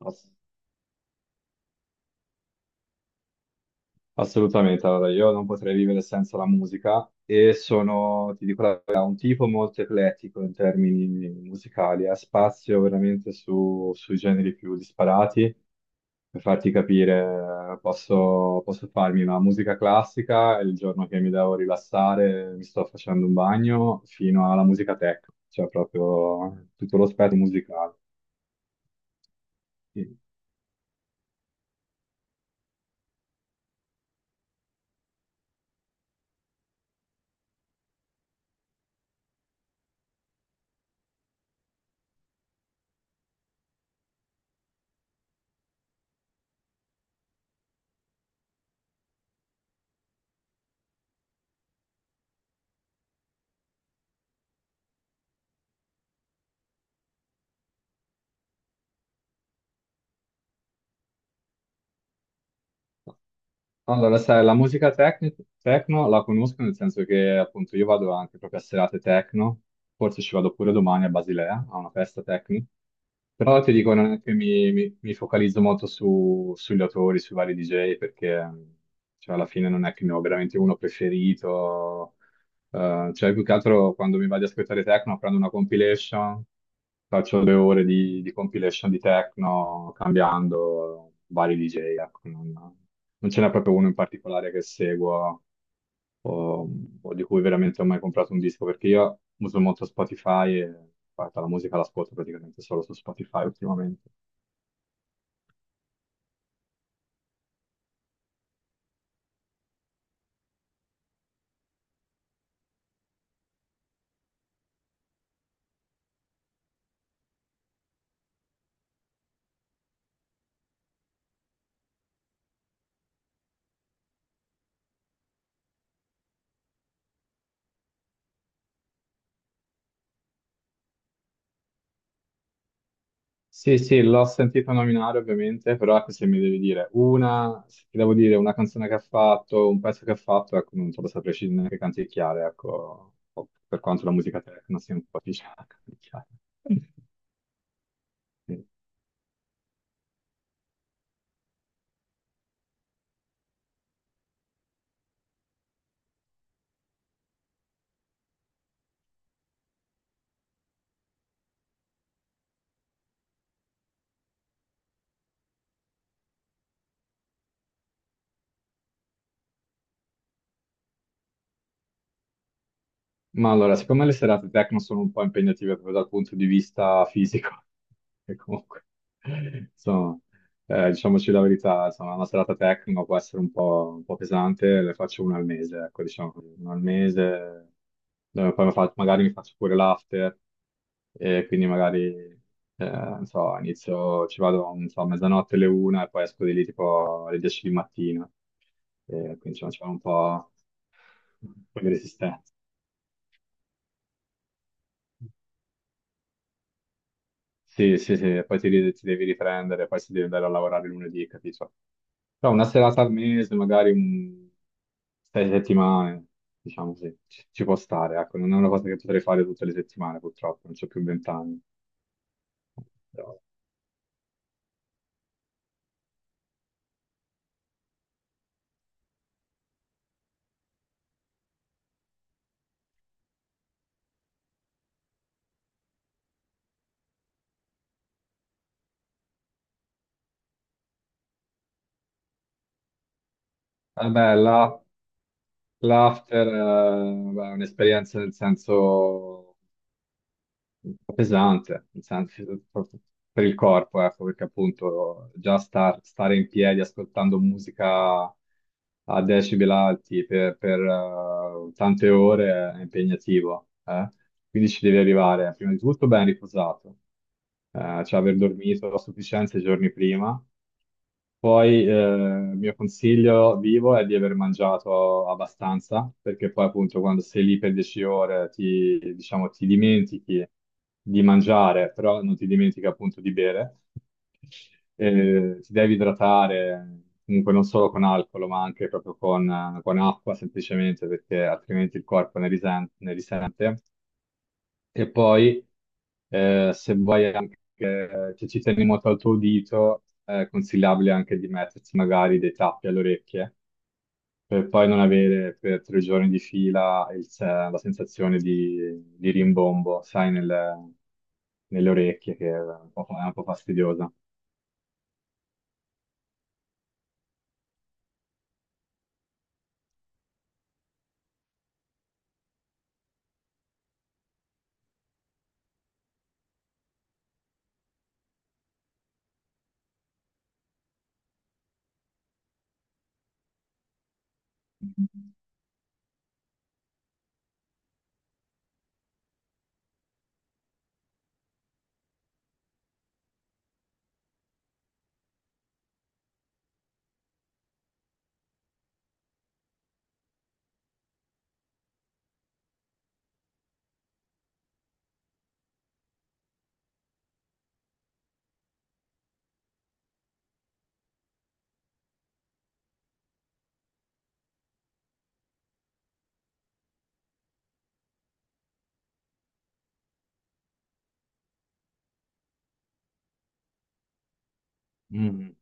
Ass- Assolutamente, allora io non potrei vivere senza la musica e sono, ti dico la verità, un tipo molto eclettico in termini musicali, ha spazio veramente sui generi più disparati. Per farti capire, posso farmi una musica classica e il giorno che mi devo rilassare mi sto facendo un bagno fino alla musica tech, cioè proprio tutto lo spettro musicale. Sì. Allora, sai, la musica techno la conosco nel senso che appunto io vado anche proprio a serate techno, forse ci vado pure domani a Basilea, a una festa techno, però ti dico non è che mi focalizzo molto sugli autori, sui vari DJ, perché cioè, alla fine non è che ne ho veramente uno preferito, cioè più che altro quando mi vado ad ascoltare techno prendo una compilation, faccio 2 ore di compilation di techno cambiando vari DJ, ecco, non ce n'è proprio uno in particolare che seguo o, o di cui veramente ho mai comprato un disco, perché io uso molto Spotify e guarda, la musica l'ascolto praticamente solo su Spotify ultimamente. Sì, sì, l'ho sentita nominare ovviamente, però ecco, se mi devi dire una, se ti devo dire una canzone che ha fatto, un pezzo che ha fatto, ecco, non te lo saprei scegliere neanche canticchiare, ecco, per quanto la musica techno sia un po' difficile da canticchiare. Ma allora, siccome le serate techno sono un po' impegnative proprio dal punto di vista fisico, e comunque, insomma, diciamoci la verità, insomma, una serata techno può essere un un po' pesante, le faccio una al mese, ecco, diciamo, così, una al mese, dove poi magari mi faccio pure l'after, e quindi magari, non so, inizio, ci vado, non so, a mezzanotte, alle una, e poi esco di lì tipo alle 10 di mattina, e quindi insomma, ci vuole un po' di resistenza. Sì, sì, sì, ti devi riprendere, poi si deve andare a lavorare lunedì, capito? Però una serata al mese, sei settimane, diciamo sì, ci può stare, ecco, non è una cosa che potrei fare tutte le settimane, purtroppo, non c'ho più 20 anni. Però… Eh beh, la- L'after, beh, è un'esperienza nel senso un po' pesante, nel senso, proprio per il corpo, ecco, perché appunto già stare in piedi ascoltando musica a decibel alti per, tante ore è impegnativo, eh. Quindi ci devi arrivare prima di tutto ben riposato, cioè aver dormito a sufficienza i giorni prima, poi il mio consiglio vivo è di aver mangiato abbastanza, perché poi appunto quando sei lì per 10 ore ti, diciamo, ti dimentichi di mangiare, però non ti dimentichi appunto di bere. Ti devi idratare, comunque non solo con alcol, ma anche proprio con acqua semplicemente, perché altrimenti il corpo ne risente, ne risente. E poi, se vuoi anche, se ci tieni molto al tuo udito, è consigliabile anche di mettersi magari dei tappi alle orecchie, per poi non avere per 3 giorni di fila il se- la sensazione di rimbombo, sai, nelle orecchie, che è un po', è un po' fastidiosa. Mm.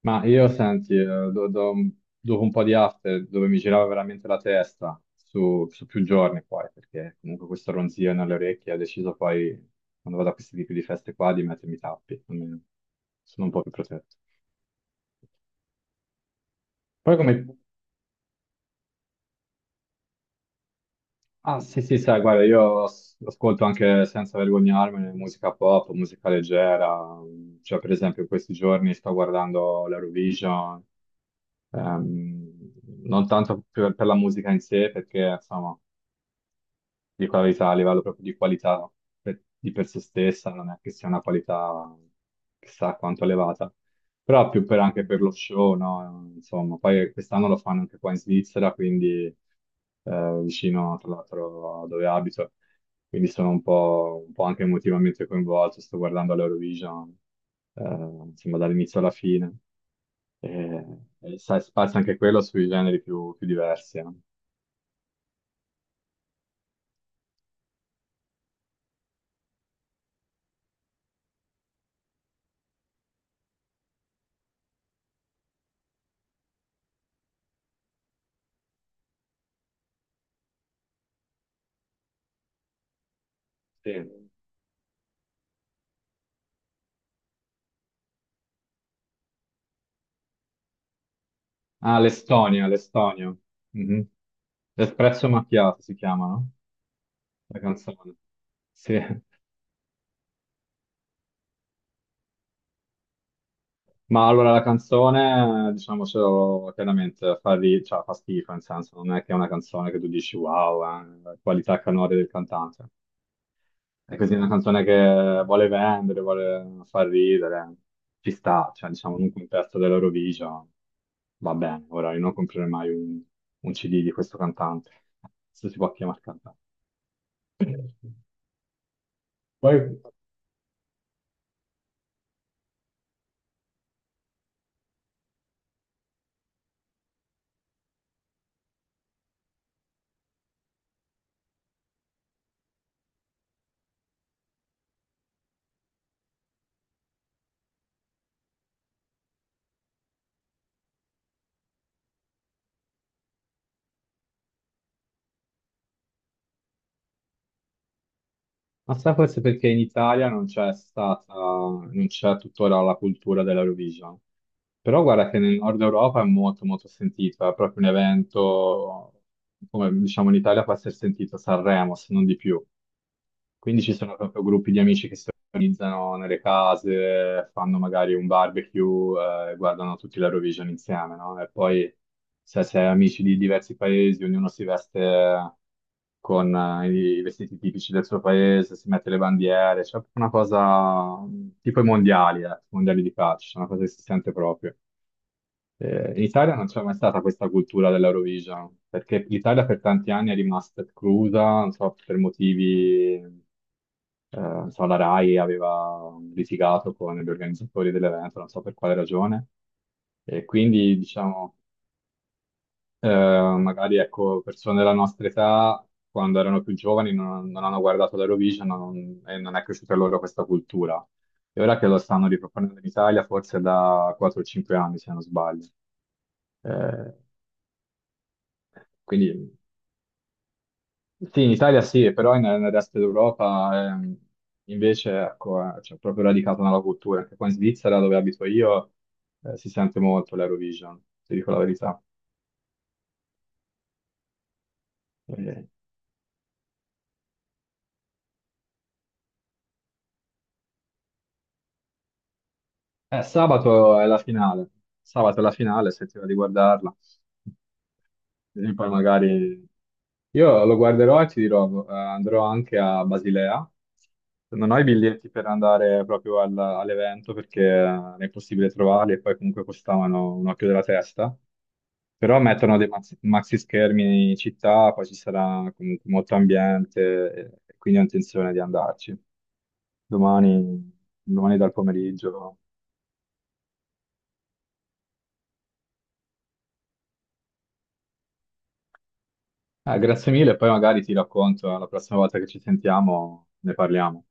Ma io senti, do- do- dopo un po' di after dove mi girava veramente la testa su, su più giorni poi, perché comunque questo ronzio nelle orecchie ho deciso poi, quando vado a questi tipi di feste qua, di mettermi i tappi, almeno sono un po' più protetto. Poi come… Ah sì sì, sai, guarda, io ascolto anche senza vergognarmene musica pop, musica leggera, cioè per esempio in questi giorni sto guardando l'Eurovision, ehm, non tanto per la musica in sé, perché insomma dico la verità, a livello proprio di qualità no? Di per se stessa, non è che sia una qualità chissà quanto elevata, però più per anche per lo show, no? Insomma, poi quest'anno lo fanno anche qua in Svizzera, quindi vicino tra l'altro a dove abito, quindi sono un po' anche emotivamente coinvolto, sto guardando l'Eurovision, eh, insomma, dall'inizio alla fine, e, e sai, spazio anche quello sui generi più, più diversi, no? Sì. Ah, l'Estonia, l'Estonia. Mhm. L'espresso macchiato si chiama, no? La canzone. Sì, ma allora la canzone, diciamocelo chiaramente, cioè, fa schifo, nel senso, non è che è una canzone che tu dici wow, la qualità canore del cantante. È così una canzone che vuole vendere, vuole far ridere, ci sta, cioè diciamo in un contesto dell'Eurovision, va bene, ora io non comprerei mai un CD di questo cantante, se si può chiamare cantante. Poi, ma sai forse perché in Italia non c'è stata, non c'è tuttora la cultura dell'Eurovision. Però guarda che nel nord Europa è molto molto sentito, è proprio un evento, come diciamo in Italia può essere sentito Sanremo, se non di più. Quindi ci sono proprio gruppi di amici che si organizzano nelle case, fanno magari un barbecue, guardano tutti l'Eurovision insieme, no? E poi se sei amici di diversi paesi, ognuno si veste con i vestiti tipici del suo paese, si mette le bandiere, c'è una cosa mm, tipo i mondiali di calcio, una cosa che si sente proprio. In Italia non c'è mai stata questa cultura dell'Eurovision, perché l'Italia per tanti anni è rimasta esclusa, non so, per motivi, non so, la RAI aveva litigato con gli organizzatori dell'evento, non so per quale ragione, e quindi, diciamo, magari, ecco, persone della nostra età, quando erano più giovani, non hanno guardato l'Eurovision e non è cresciuta loro questa cultura. E ora che lo stanno riproponendo in Italia, forse da 4 o 5 anni, se non sbaglio. Eh, Quindi sì, in Italia sì, però nel resto d'Europa invece ecco, c'è proprio radicata nella cultura. Anche qua in Svizzera, dove abito io, si sente molto l'Eurovision, ti dico la verità. Eh, sabato è la finale. Sabato è la finale, se ti va di guardarla. Così poi magari io lo guarderò e ti dirò, andrò anche a Basilea. Non ho i biglietti per andare proprio all'evento perché non è possibile trovarli e poi comunque costavano un occhio della testa. Però mettono dei maxi, maxi schermi in città, poi ci sarà comunque molto ambiente, e quindi ho intenzione di andarci. Domani, domani dal pomeriggio. Grazie mille, poi magari ti racconto, la prossima volta che ci sentiamo ne parliamo.